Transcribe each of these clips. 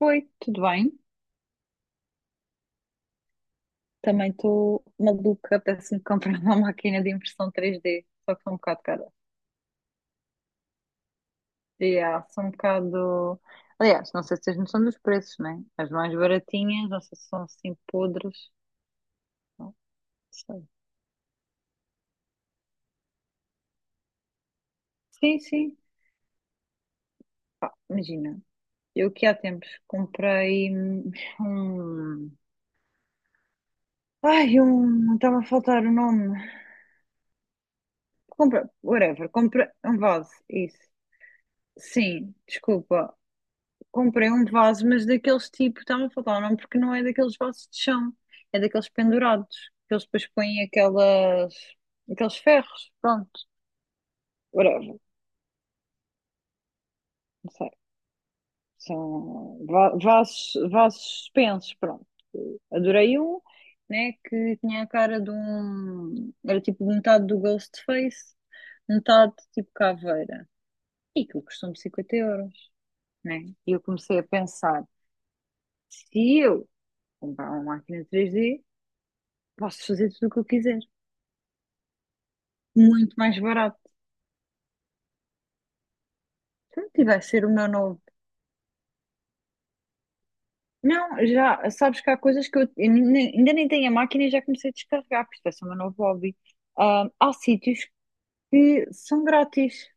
Oi, tudo bem? Também estou maluca, apetece-me comprar uma máquina de impressão 3D, só que são um bocado cara. Yeah, são um bocado. Aliás, não sei se tens noção dos preços, né? As mais baratinhas, não sei se são assim podres. Não sei. Sim, sim. Pá, imagina, eu que há tempos comprei um. Ai, um. Estava a faltar o nome. Compra, whatever, compra um vaso, isso. Sim, desculpa. Comprei um vaso, mas daqueles tipo, está-me a faltar o nome, porque não é daqueles vasos de chão, é daqueles pendurados, que eles depois põem aquelas, aqueles ferros, pronto, whatever, não sei. São vasos, vasos suspensos, pronto. Adorei um, né, que tinha a cara de um, era tipo metade do Ghostface, metade tipo caveira. E que custou-me 50 euros, né? E eu comecei a pensar, se eu comprar uma máquina 3D, posso fazer tudo o que eu quiser. Muito mais barato. Pronto, e vai ser o meu novo. Não, já sabes que há coisas que eu ainda nem tenho a máquina e já comecei a descarregar, porque isto vai ser o meu novo hobby. Ah, há sítios que são grátis.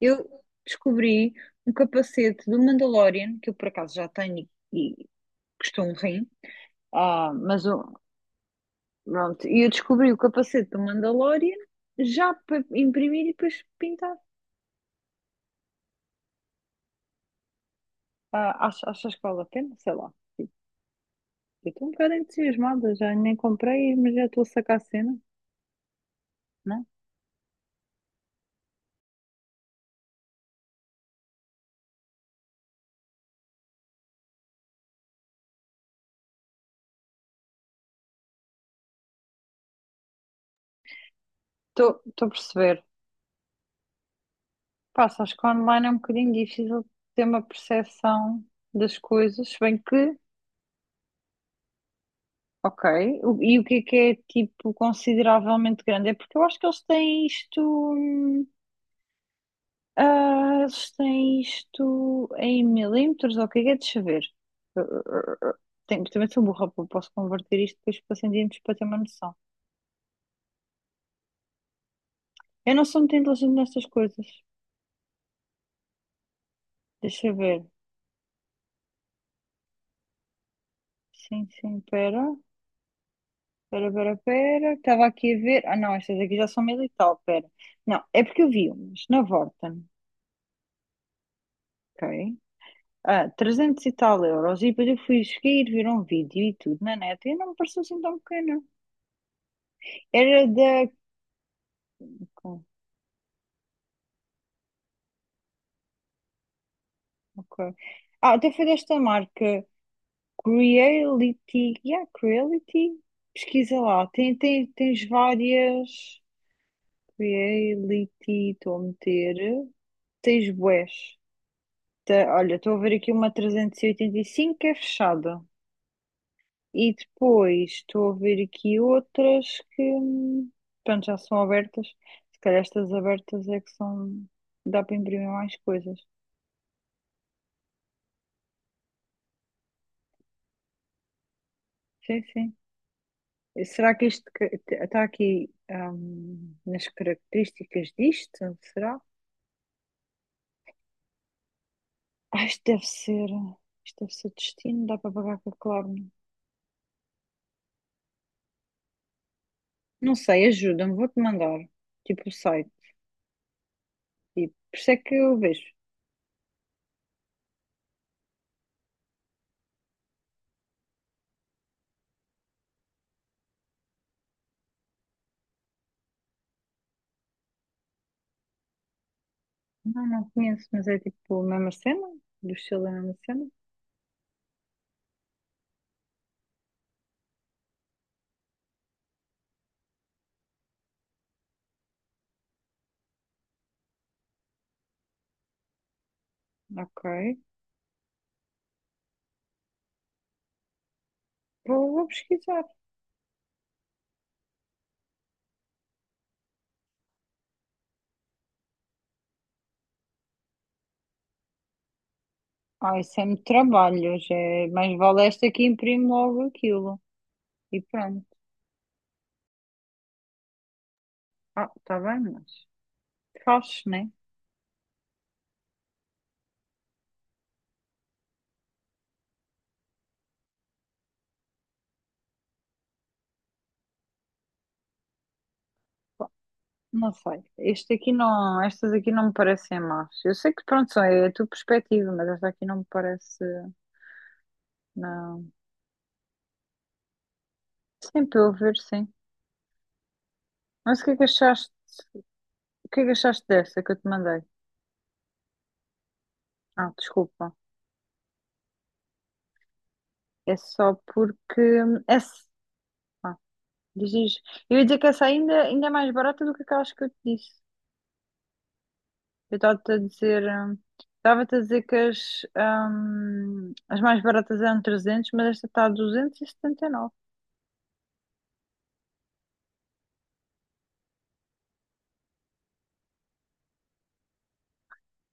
Eu descobri um capacete do Mandalorian, que eu por acaso já tenho e custou um rim. Ah, mas o- pronto, e eu descobri o capacete do Mandalorian já para imprimir e depois pintar. Ah, achas que vale a pena? Sei lá. Eu estou um bocado entusiasmada, já nem comprei, mas já estou a sacar a cena, né? Estou a perceber. Pá, acho que online é um bocadinho difícil ter uma percepção das coisas, se bem que, ok, o- e o que é, tipo, consideravelmente grande? É porque eu acho que eles têm isto, ah, eles têm isto em milímetros, ou o que é, deixa eu ver. Ah, ah, ah, ah. Tenho- também sou burra, pô, posso converter isto depois para centímetros para ter uma noção. Eu não sou muito inteligente nestas coisas, deixa eu ver. Sim, sim, pera, pera. Estava aqui a ver. Ah, não, estas aqui já são mil e tal, pera. Não, é porque eu vi umas na Vorten, ok? Ah, 300 e tal euros. E depois eu fui seguir, ver um vídeo e tudo na net e não me pareceu assim tão pequena. Era da. Ok. Ok. Ah, até foi desta marca, Creality. Yeah, Creality. Pesquisa lá. Tens várias. Creality, estou a meter. Tens bués. Tá, olha, estou a ver aqui uma 385 que é fechada. E depois estou a ver aqui outras que, pronto, já são abertas. Se calhar estas abertas é que são. Dá para imprimir mais coisas. Sim, sim. E será que isto está aqui, nas características disto? Será? Ah, isto deve ser. Isto deve ser destino. Dá para pagar com a Klarna. Não sei, ajuda-me. Vou-te mandar. Tipo o site. Tipo, por isso é que eu vejo. Não, não conheço, mas é tipo a mesma cena? Do estilo da mesma cena? Ok. Vou pesquisar. Ah, isso é muito trabalho, já é... Mas vale esta que imprime logo aquilo. E pronto. Ah, está bem, mas fazes, né? Não sei. Este aqui não, estas aqui não me parecem más. Eu sei que pronto, só é a tua perspectiva, mas esta aqui não me parece, não. Sim, para eu ver, sim. Mas o que é que achaste? O que é que achaste desta que eu te mandei? Ah, desculpa. É só porque. É... Diz, eu ia dizer que essa ainda, ainda é mais barata do que aquelas que eu te disse. Eu estava-te a dizer que as mais baratas eram 300, mas esta está a 279.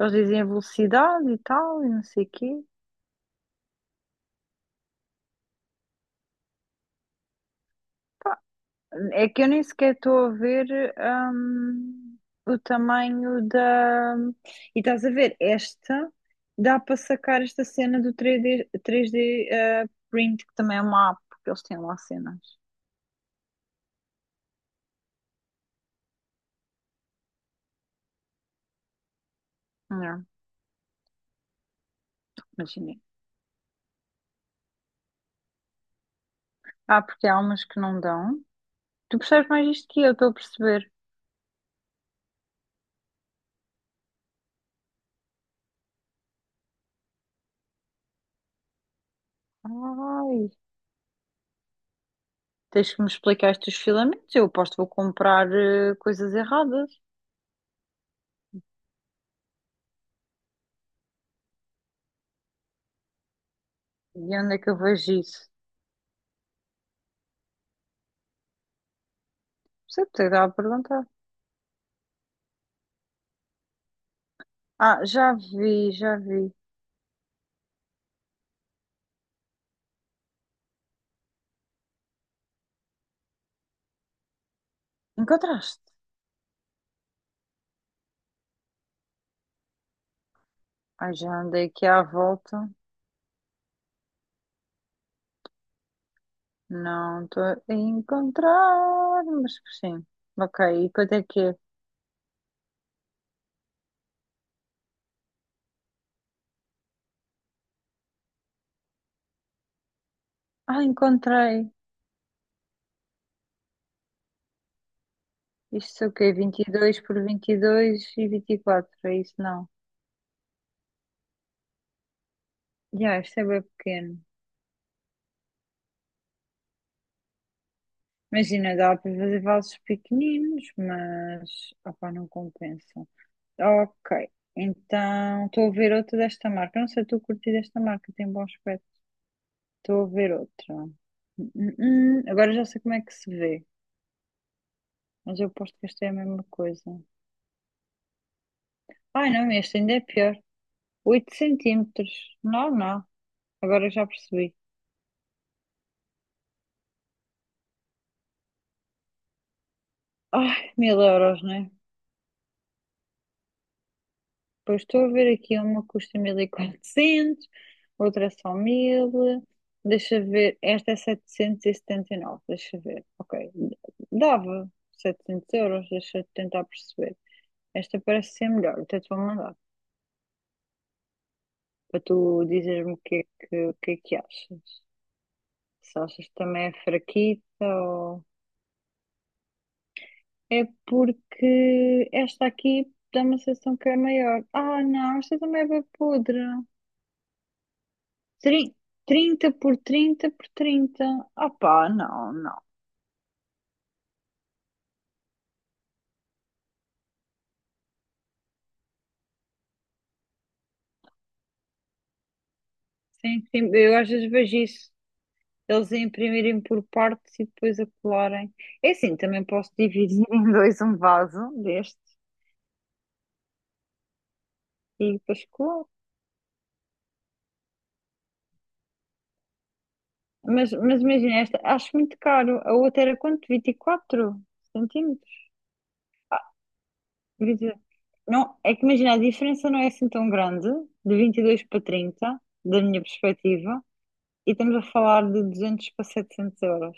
Eles dizem a velocidade e tal, e não sei o quê. É que eu nem sequer estou a ver, hum, o tamanho da. E estás a ver, esta dá para sacar esta cena do 3D, eh, print, que também é uma app, porque eles têm lá cenas. Não, imagina. Ah, porque há umas que não dão. Tu percebes mais isto que eu, estou a perceber. Ai, tens que me explicar estes filamentos. Eu aposto que vou comprar coisas erradas. E onde é que eu vejo isso? Não sei, porque dá a perguntar. Ah, já vi. Encontraste? Ai, já andei aqui à volta. Não estou a encontrar, mas sim. Ok, e quanto é que é? Ah, encontrei. Isto é o quê? Vinte e dois por vinte e dois e vinte e quatro é isso? Não. Já, isto é bem pequeno. Imagina, dá para fazer vasos pequeninos, mas opá, não compensa. Ok, então estou a ver outra desta marca. Não sei, estou a curtir desta marca, tem bom aspecto. Estou a ver outra. Hum, Agora já sei como é que se vê, mas eu aposto que esta é a mesma coisa. Ai não, este ainda é pior. Oito centímetros. Não, não, agora já percebi. Ai, mil euros, né? Depois estou a ver aqui uma custa 1400, outra só 1000. Deixa ver, esta é setecentos e setenta e nove. Deixa ver. Ok, dava 700 euros, deixa eu tentar perceber. Esta parece ser melhor, até te vou mandar, para tu dizeres-me o que é que achas. Se achas que também é fraquita ou... É porque esta aqui dá uma sensação que é maior. Ah, não, esta também é bem podre. Tri- 30 por 30, opá, não, não. Sim, sim, eu às vezes vejo isso. Eles a imprimirem por partes e depois a colarem. É assim, também posso dividir em dois um vaso destes e depois colar. Mas imagina esta, acho muito caro. A outra era quanto? 24 centímetros? Vinte- e- Não, é que imagina, a diferença não é assim tão grande, de vinte e dois para 30, da minha perspectiva, e estamos a falar de 200 para 700 euros.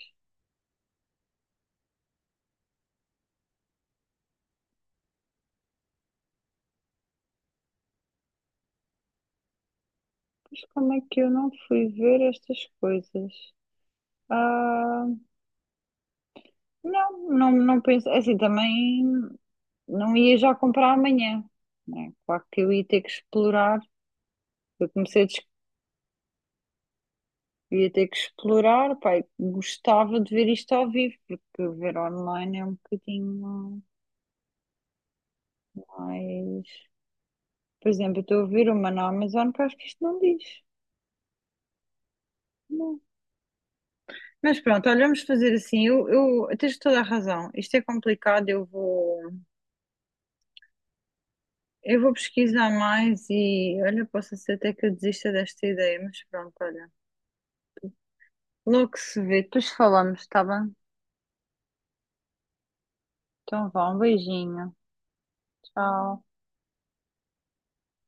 Mas como é que eu não fui ver estas coisas? Ah, não penso. É assim, também não ia já comprar amanhã, né? Claro que eu ia ter que explorar. Eu comecei a des- ia ter que explorar, pai, gostava de ver isto ao vivo, porque ver online é um bocadinho mais. Por exemplo, eu estou a ver uma na Amazon que eu acho que isto não diz. Não. Mas pronto, olha, vamos fazer assim. Eu tens toda a razão. Isto é complicado, eu vou. Eu vou pesquisar mais e olha, posso ser até que eu desista desta ideia, mas pronto, olha. Logo se vê, depois falamos, tá bem? Então vá, um beijinho. Tchau.